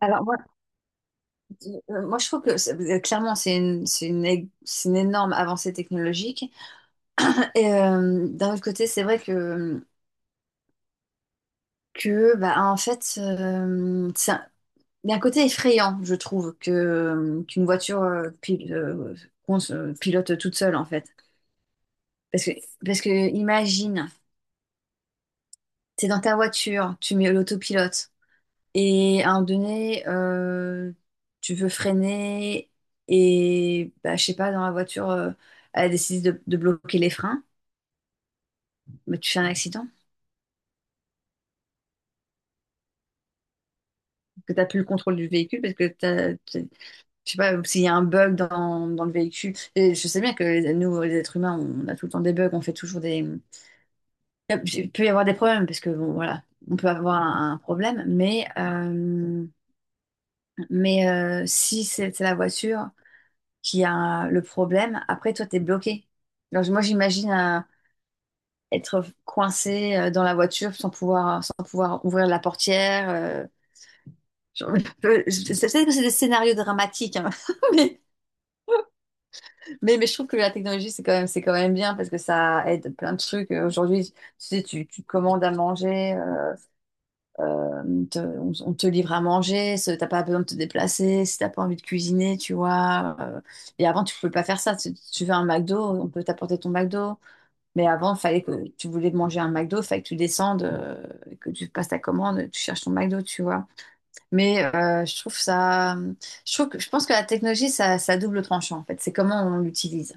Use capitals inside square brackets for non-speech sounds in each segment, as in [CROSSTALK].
Alors moi, moi je trouve que clairement c'est une énorme avancée technologique. [LAUGHS] Et d'un autre côté, c'est vrai que, en fait, il y a un côté effrayant, je trouve, qu'une voiture pilote toute seule en fait. Parce que, parce que imagine, t'es dans ta voiture, tu mets l'autopilote. Et à un moment donné, tu veux freiner et, bah, je sais pas, dans la voiture, elle décide de bloquer les freins, mais tu fais un accident, que tu n'as plus le contrôle du véhicule parce que je sais pas, s'il y a un bug dans le véhicule. Et je sais bien que nous, les êtres humains, on a tout le temps des bugs, on fait toujours des... Il peut y avoir des problèmes parce que, bon, voilà, on peut avoir un problème, mais, si c'est la voiture... qui a le problème, après toi, t'es bloqué. Alors, moi, j'imagine être coincé dans la voiture sans pouvoir ouvrir la portière. Genre, [LAUGHS] c'est peut-être que c'est des scénarios dramatiques, hein, [LAUGHS] mais, mais je trouve que la technologie, c'est quand même bien parce que ça aide plein de trucs. Aujourd'hui, tu sais, tu commandes à manger, on te livre à manger, t'as pas besoin de te déplacer, si t'as pas envie de cuisiner, tu vois. Et avant, tu pouvais pas faire ça. Tu veux un McDo, on peut t'apporter ton McDo. Mais avant, il fallait que tu voulais manger un McDo, il fallait que tu descendes, que tu passes ta commande, tu cherches ton McDo, tu vois. Mais euh, je trouve ça, je trouve que, je pense que la technologie, ça a double tranchant en fait. C'est comment on l'utilise.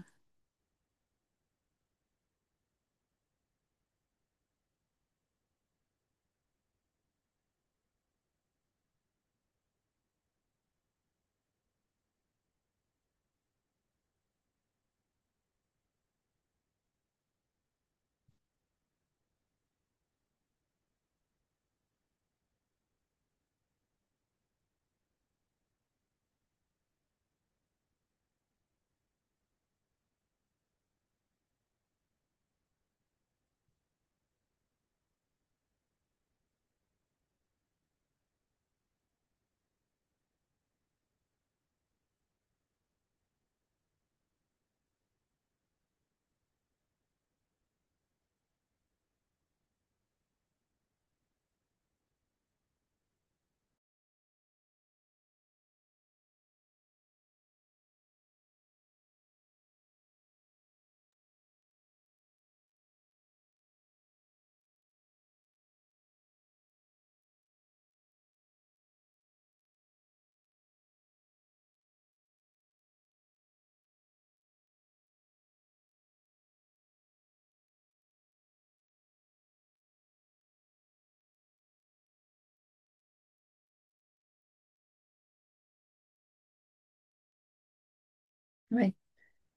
Oui,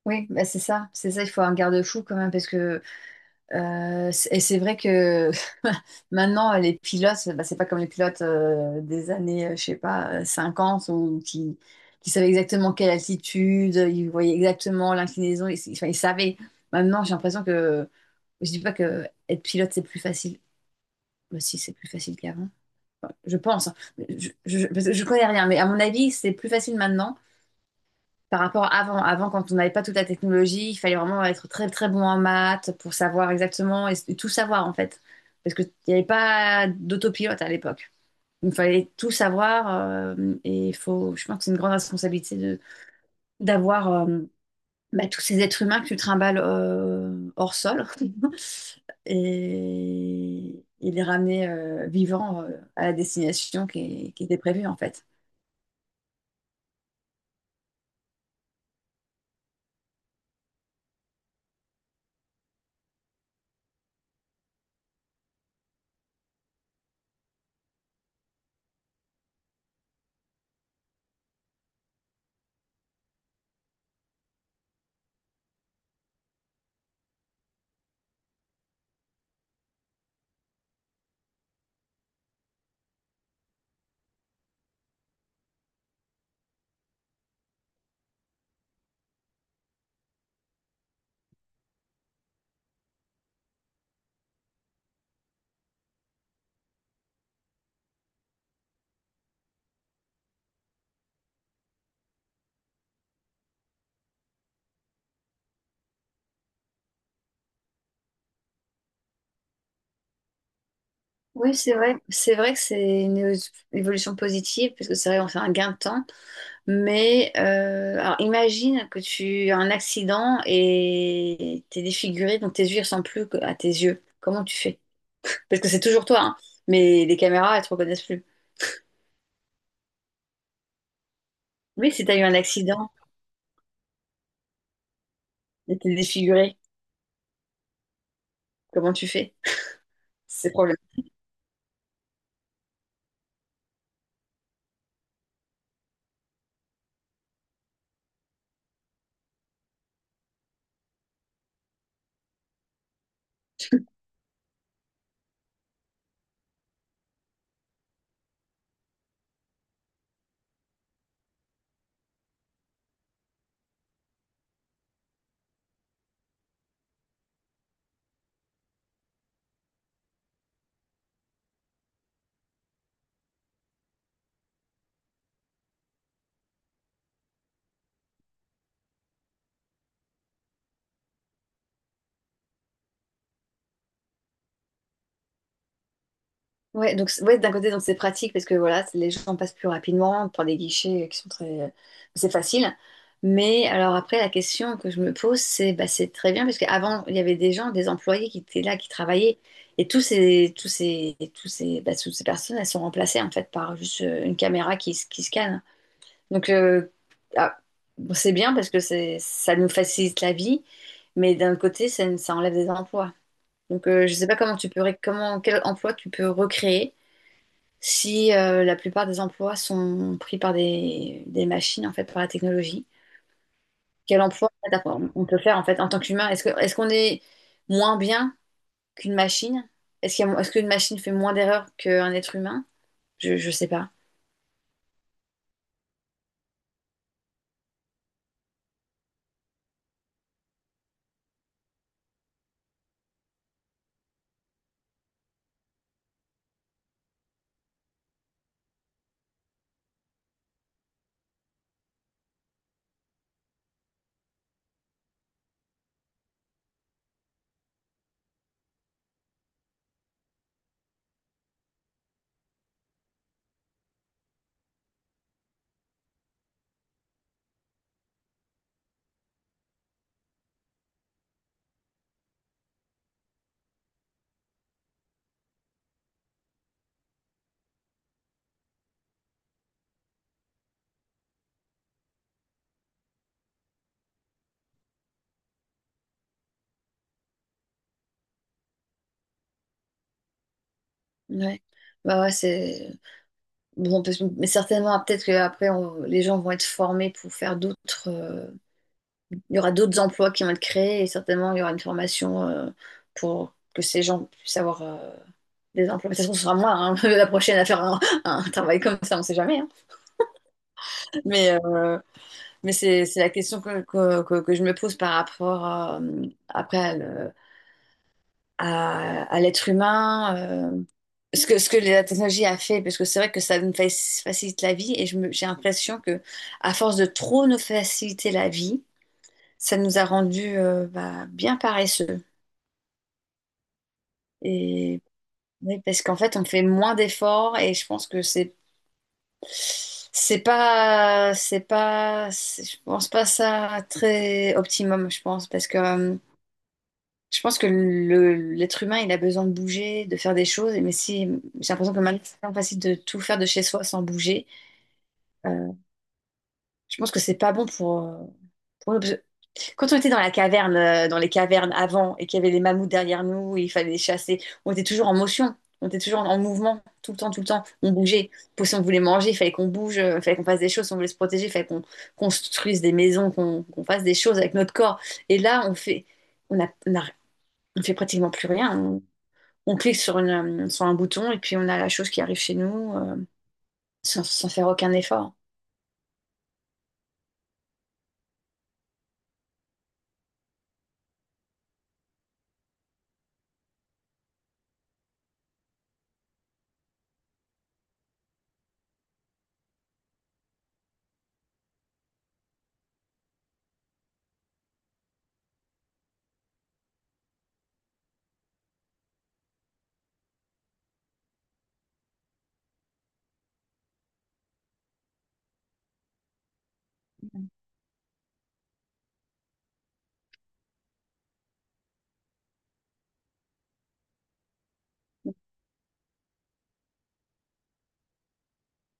oui, bah c'est ça, c'est ça. Il faut un garde-fou quand même parce que et c'est vrai que [LAUGHS] maintenant, les pilotes, bah, c'est pas comme les pilotes des années, je sais pas, 50 ou qui savaient exactement quelle altitude, ils voyaient exactement l'inclinaison, enfin, ils savaient. Maintenant, j'ai l'impression que je dis pas que être pilote c'est plus facile. Bah, si, c'est plus facile qu'avant. Enfin, je pense, hein. Parce que je connais rien, mais à mon avis, c'est plus facile maintenant par rapport à avant, avant quand on n'avait pas toute la technologie, il fallait vraiment être très très bon en maths pour savoir exactement tout savoir en fait, parce qu'il n'y avait pas d'autopilote à l'époque. Il fallait tout savoir et il faut, je pense que c'est une grande responsabilité de d'avoir bah, tous ces êtres humains que tu trimbales hors sol [LAUGHS] et les ramener vivants à la destination qui était prévue en fait. Oui, c'est vrai. C'est vrai que c'est une évolution positive, parce que c'est vrai, on fait un gain de temps. Alors imagine que tu as un accident et t'es défiguré, donc tes yeux ne ressemblent plus à tes yeux. Comment tu fais? Parce que c'est toujours toi, hein, mais les caméras, elles te reconnaissent plus. Oui, si tu as eu un accident et t'es défiguré, comment tu fais? C'est problématique. Ouais, d'un côté, donc c'est pratique parce que voilà, les gens passent plus rapidement par des guichets qui sont très. C'est facile. Mais alors après, la question que je me pose, c'est bah, c'est très bien parce qu'avant, il y avait des gens, des employés qui étaient là, qui travaillaient. Et toutes ces personnes, elles sont remplacées en fait par juste une caméra qui scanne. Donc euh, ah, bon, c'est bien parce que c'est, ça nous facilite la vie, mais d'un côté, ça enlève des emplois. Donc je sais pas comment tu peux, quel emploi tu peux recréer si la plupart des emplois sont pris par des machines, en fait, par la technologie, quel emploi en fait, on peut faire en fait en tant qu'humain? Est-ce qu'on est moins bien qu'une machine? Est-ce qu'une machine fait moins d'erreurs qu'un être humain? Je sais pas. Ouais. Bah ouais, c'est. Bon, on peut mais certainement, ah, peut-être qu'après, les gens vont être formés pour faire d'autres. Il y aura d'autres emplois qui vont être créés et certainement, il y aura une formation pour que ces gens puissent avoir. Les implantations, ce sera moi, hein, [LAUGHS] la prochaine à faire un travail comme ça, on ne sait jamais, hein. Mais, euh, c'est la question que je me pose par rapport à, à l'être humain, euh, ce que la technologie a fait, parce que c'est vrai que ça nous facilite la vie et j'ai l'impression que à force de trop nous faciliter la vie, ça nous a rendu bien paresseux. Et, oui, parce qu'en fait, on fait moins d'efforts et je pense que c'est je pense pas ça très optimum, je pense, parce que je pense que l'être humain, il a besoin de bouger, de faire des choses, mais si j'ai l'impression que maintenant, c'est tellement facile de tout faire de chez soi sans bouger, euh, je pense que c'est pas bon pour nous. Quand on était dans la caverne, dans les cavernes avant, et qu'il y avait les mammouths derrière nous, il fallait les chasser, on était toujours en motion, on était toujours en mouvement, tout le temps, tout le temps. On bougeait. Pour, si on voulait manger, il fallait qu'on bouge, il fallait qu'on fasse des choses. Si on voulait se protéger, il fallait qu'on construise des maisons, qu'on fasse des choses avec notre corps. Et là, on a, on a- on fait pratiquement plus rien. On clique sur une, sur un bouton et puis on a la chose qui arrive chez nous, sans faire aucun effort.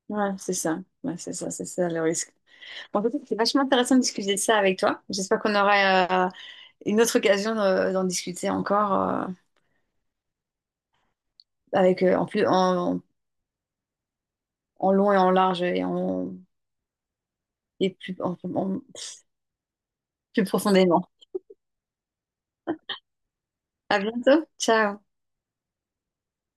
Ouais, c'est ça. Ouais, c'est ça le risque. Bon, en fait, c'est vachement intéressant de discuter de ça avec toi. J'espère qu'on aura une autre occasion d'en discuter encore avec en long et en large et en et plus plus profondément. À bientôt. Ciao.